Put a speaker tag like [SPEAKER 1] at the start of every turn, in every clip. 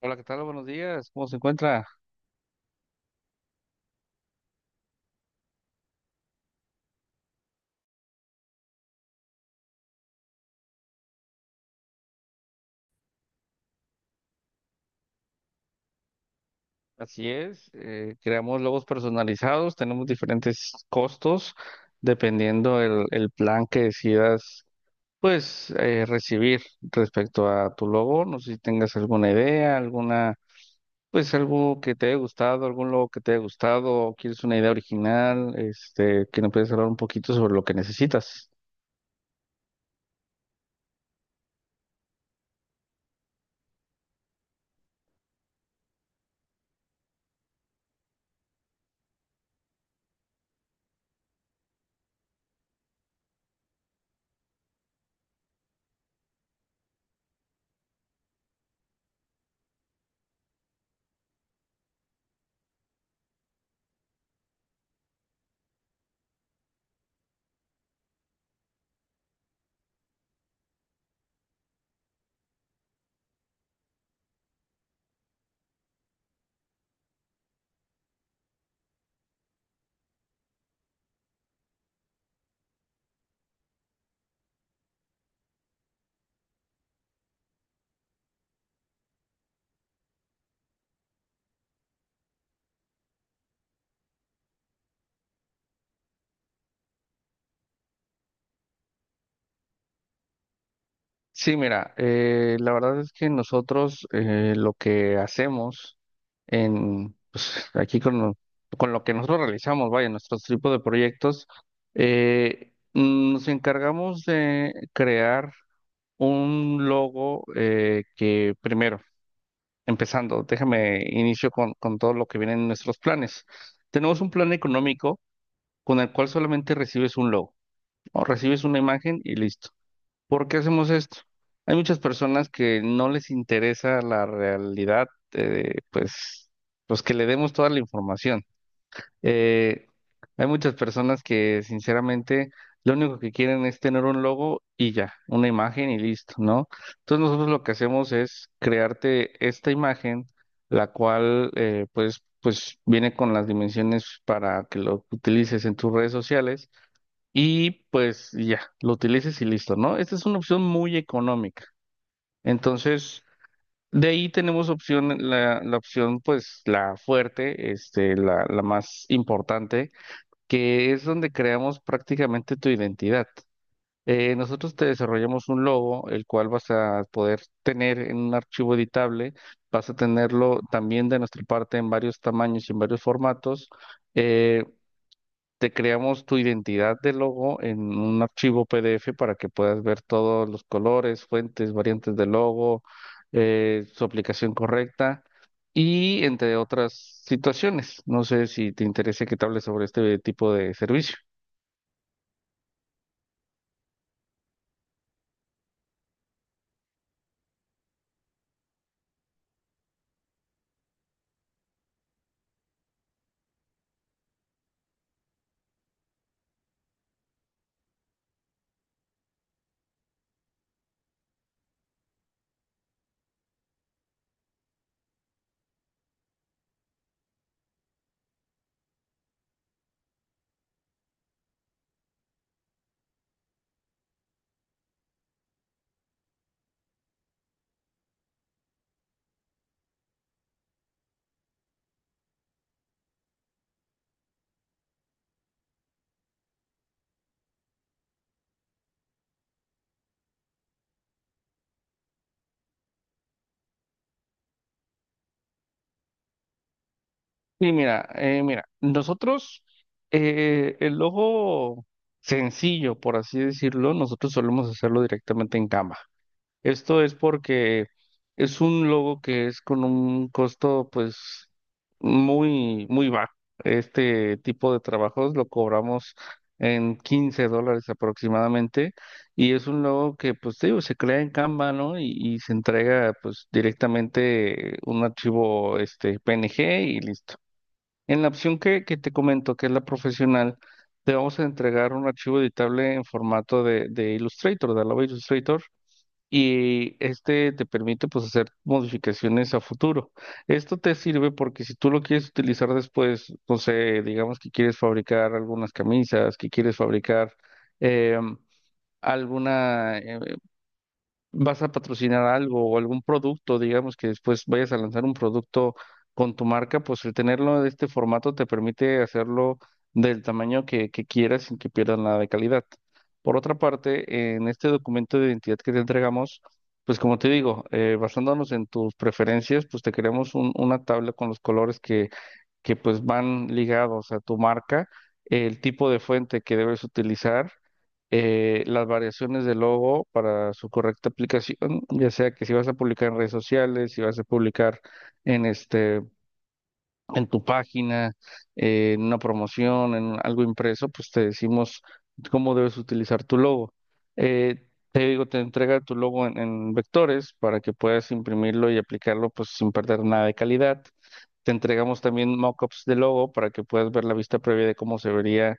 [SPEAKER 1] Hola, ¿qué tal? Buenos días. ¿Cómo se encuentra? Así es. Creamos logos personalizados. Tenemos diferentes costos dependiendo el plan que decidas, pues, recibir respecto a tu logo. No sé si tengas alguna idea, alguna, pues, algo que te haya gustado, algún logo que te haya gustado, o quieres una idea original, este, que nos puedes hablar un poquito sobre lo que necesitas. Sí, mira, la verdad es que nosotros lo que hacemos en, pues, aquí con lo que nosotros realizamos, vaya, nuestros tipos de proyectos, nos encargamos de crear un logo que primero, empezando, déjame inicio con todo lo que viene en nuestros planes. Tenemos un plan económico con el cual solamente recibes un logo, o recibes una imagen y listo. ¿Por qué hacemos esto? Hay muchas personas que no les interesa la realidad, pues, pues que le demos toda la información. Eh, Hay muchas personas que sinceramente lo único que quieren es tener un logo y ya, una imagen y listo, ¿no? Entonces nosotros lo que hacemos es crearte esta imagen, la cual pues, pues viene con las dimensiones para que lo utilices en tus redes sociales y pues ya, lo utilices y listo, ¿no? Esta es una opción muy económica. Entonces, de ahí tenemos opción, la opción pues la fuerte, este, la más importante, que es donde creamos prácticamente tu identidad. Nosotros te desarrollamos un logo, el cual vas a poder tener en un archivo editable, vas a tenerlo también de nuestra parte en varios tamaños y en varios formatos. Eh, Te creamos tu identidad de logo en un archivo PDF para que puedas ver todos los colores, fuentes, variantes de logo, su aplicación correcta y entre otras situaciones. No sé si te interesa que te hable sobre este tipo de servicio. Sí, mira, nosotros, el logo sencillo, por así decirlo, nosotros solemos hacerlo directamente en Canva. Esto es porque es un logo que es con un costo pues muy, muy bajo. Este tipo de trabajos lo cobramos en $15 aproximadamente y es un logo que pues te digo, se crea en Canva, ¿no? Y se entrega pues directamente un archivo este PNG y listo. En la opción que te comento, que es la profesional, te vamos a entregar un archivo editable en formato de Illustrator, de Adobe Illustrator y este te permite pues hacer modificaciones a futuro. Esto te sirve porque si tú lo quieres utilizar después, no sé, digamos que quieres fabricar algunas camisas, que quieres fabricar em, alguna vas a patrocinar algo o algún producto, digamos que después vayas a lanzar un producto con tu marca, pues el tenerlo de este formato te permite hacerlo del tamaño que quieras sin que pierdas nada de calidad. Por otra parte, en este documento de identidad que te entregamos, pues como te digo, basándonos en tus preferencias, pues te creamos una tabla con los colores que pues van ligados a tu marca, el tipo de fuente que debes utilizar, las variaciones del logo para su correcta aplicación, ya sea que si vas a publicar en redes sociales, si vas a publicar en este, en tu página, en una promoción, en algo impreso, pues te decimos cómo debes utilizar tu logo. Eh, Digo, te entrega tu logo en vectores para que puedas imprimirlo y aplicarlo pues sin perder nada de calidad. Te entregamos también mockups de logo para que puedas ver la vista previa de cómo se vería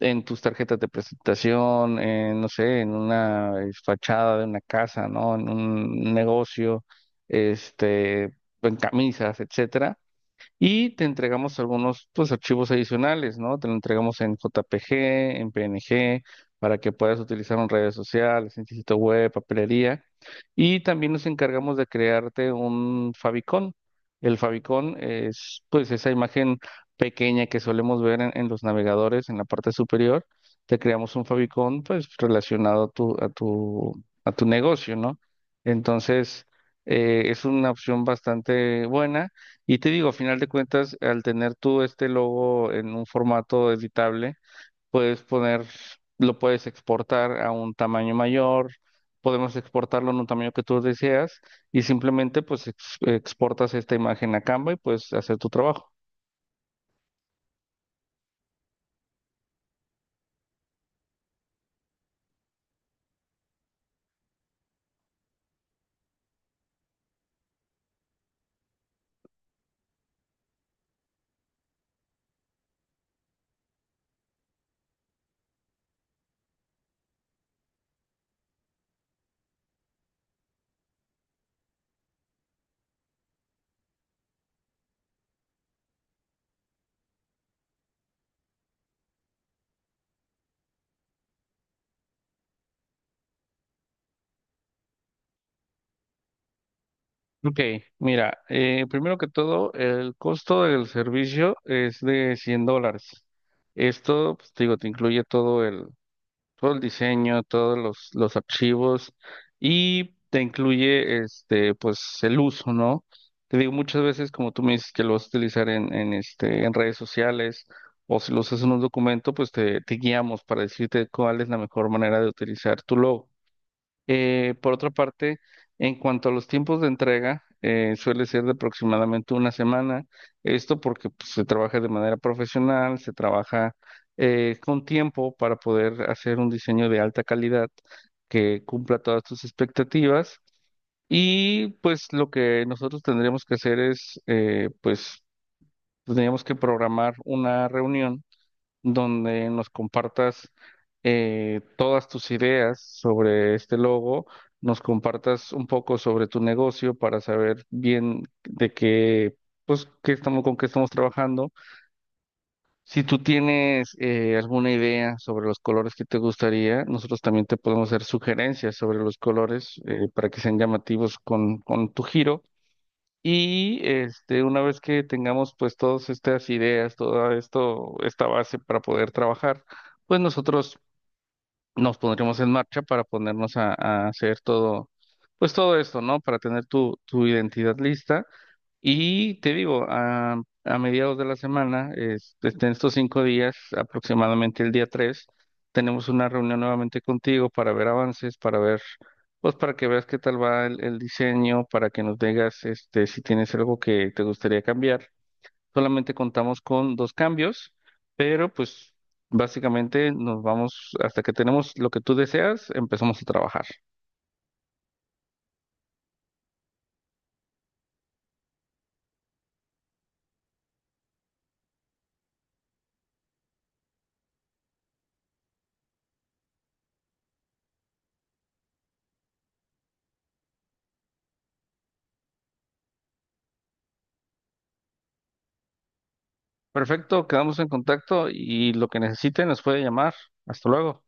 [SPEAKER 1] en tus tarjetas de presentación, en, no sé, en una fachada de una casa, ¿no? En un negocio, este, en camisas, etcétera. Y te entregamos algunos pues, archivos adicionales, ¿no? Te lo entregamos en JPG, en PNG, para que puedas utilizar en redes sociales, en sitio web, papelería. Y también nos encargamos de crearte un favicon. El favicon es pues esa imagen pequeña que solemos ver en los navegadores en la parte superior. Te creamos un favicon pues relacionado a tu negocio, ¿no? Entonces, es una opción bastante buena y te digo, a final de cuentas, al tener tú este logo en un formato editable, puedes poner, lo puedes exportar a un tamaño mayor, podemos exportarlo en un tamaño que tú deseas y simplemente pues exportas esta imagen a Canva y puedes hacer tu trabajo. Ok, mira, primero que todo, el costo del servicio es de $100. Esto, pues te digo, te incluye todo todo el diseño, todos los archivos y te incluye este, pues el uso, ¿no? Te digo, muchas veces, como tú me dices, que lo vas a utilizar en redes sociales o si lo usas en un documento, pues te guiamos para decirte cuál es la mejor manera de utilizar tu logo. Por otra parte, en cuanto a los tiempos de entrega, suele ser de aproximadamente una semana. Esto porque pues, se trabaja de manera profesional, se trabaja con tiempo para poder hacer un diseño de alta calidad que cumpla todas tus expectativas. Y pues lo que nosotros tendríamos que hacer es, pues, tendríamos que programar una reunión donde nos compartas todas tus ideas sobre este logo, nos compartas un poco sobre tu negocio para saber bien de qué, pues, qué estamos, con qué estamos trabajando. Si tú tienes alguna idea sobre los colores que te gustaría, nosotros también te podemos hacer sugerencias sobre los colores para que sean llamativos con tu giro. Y este, una vez que tengamos pues todas estas ideas, toda esto, esta base para poder trabajar, pues nosotros nos pondremos en marcha para ponernos a hacer todo, pues todo esto, ¿no? Para tener tu, tu identidad lista y te digo, a mediados de la semana, en estos 5 días, aproximadamente el día 3 tenemos una reunión nuevamente contigo para ver avances, para ver, pues para que veas qué tal va el diseño, para que nos digas este, si tienes algo que te gustaría cambiar. Solamente contamos con 2 cambios, pero pues básicamente nos vamos, hasta que tenemos lo que tú deseas, empezamos a trabajar. Perfecto, quedamos en contacto y lo que necesiten nos puede llamar. Hasta luego.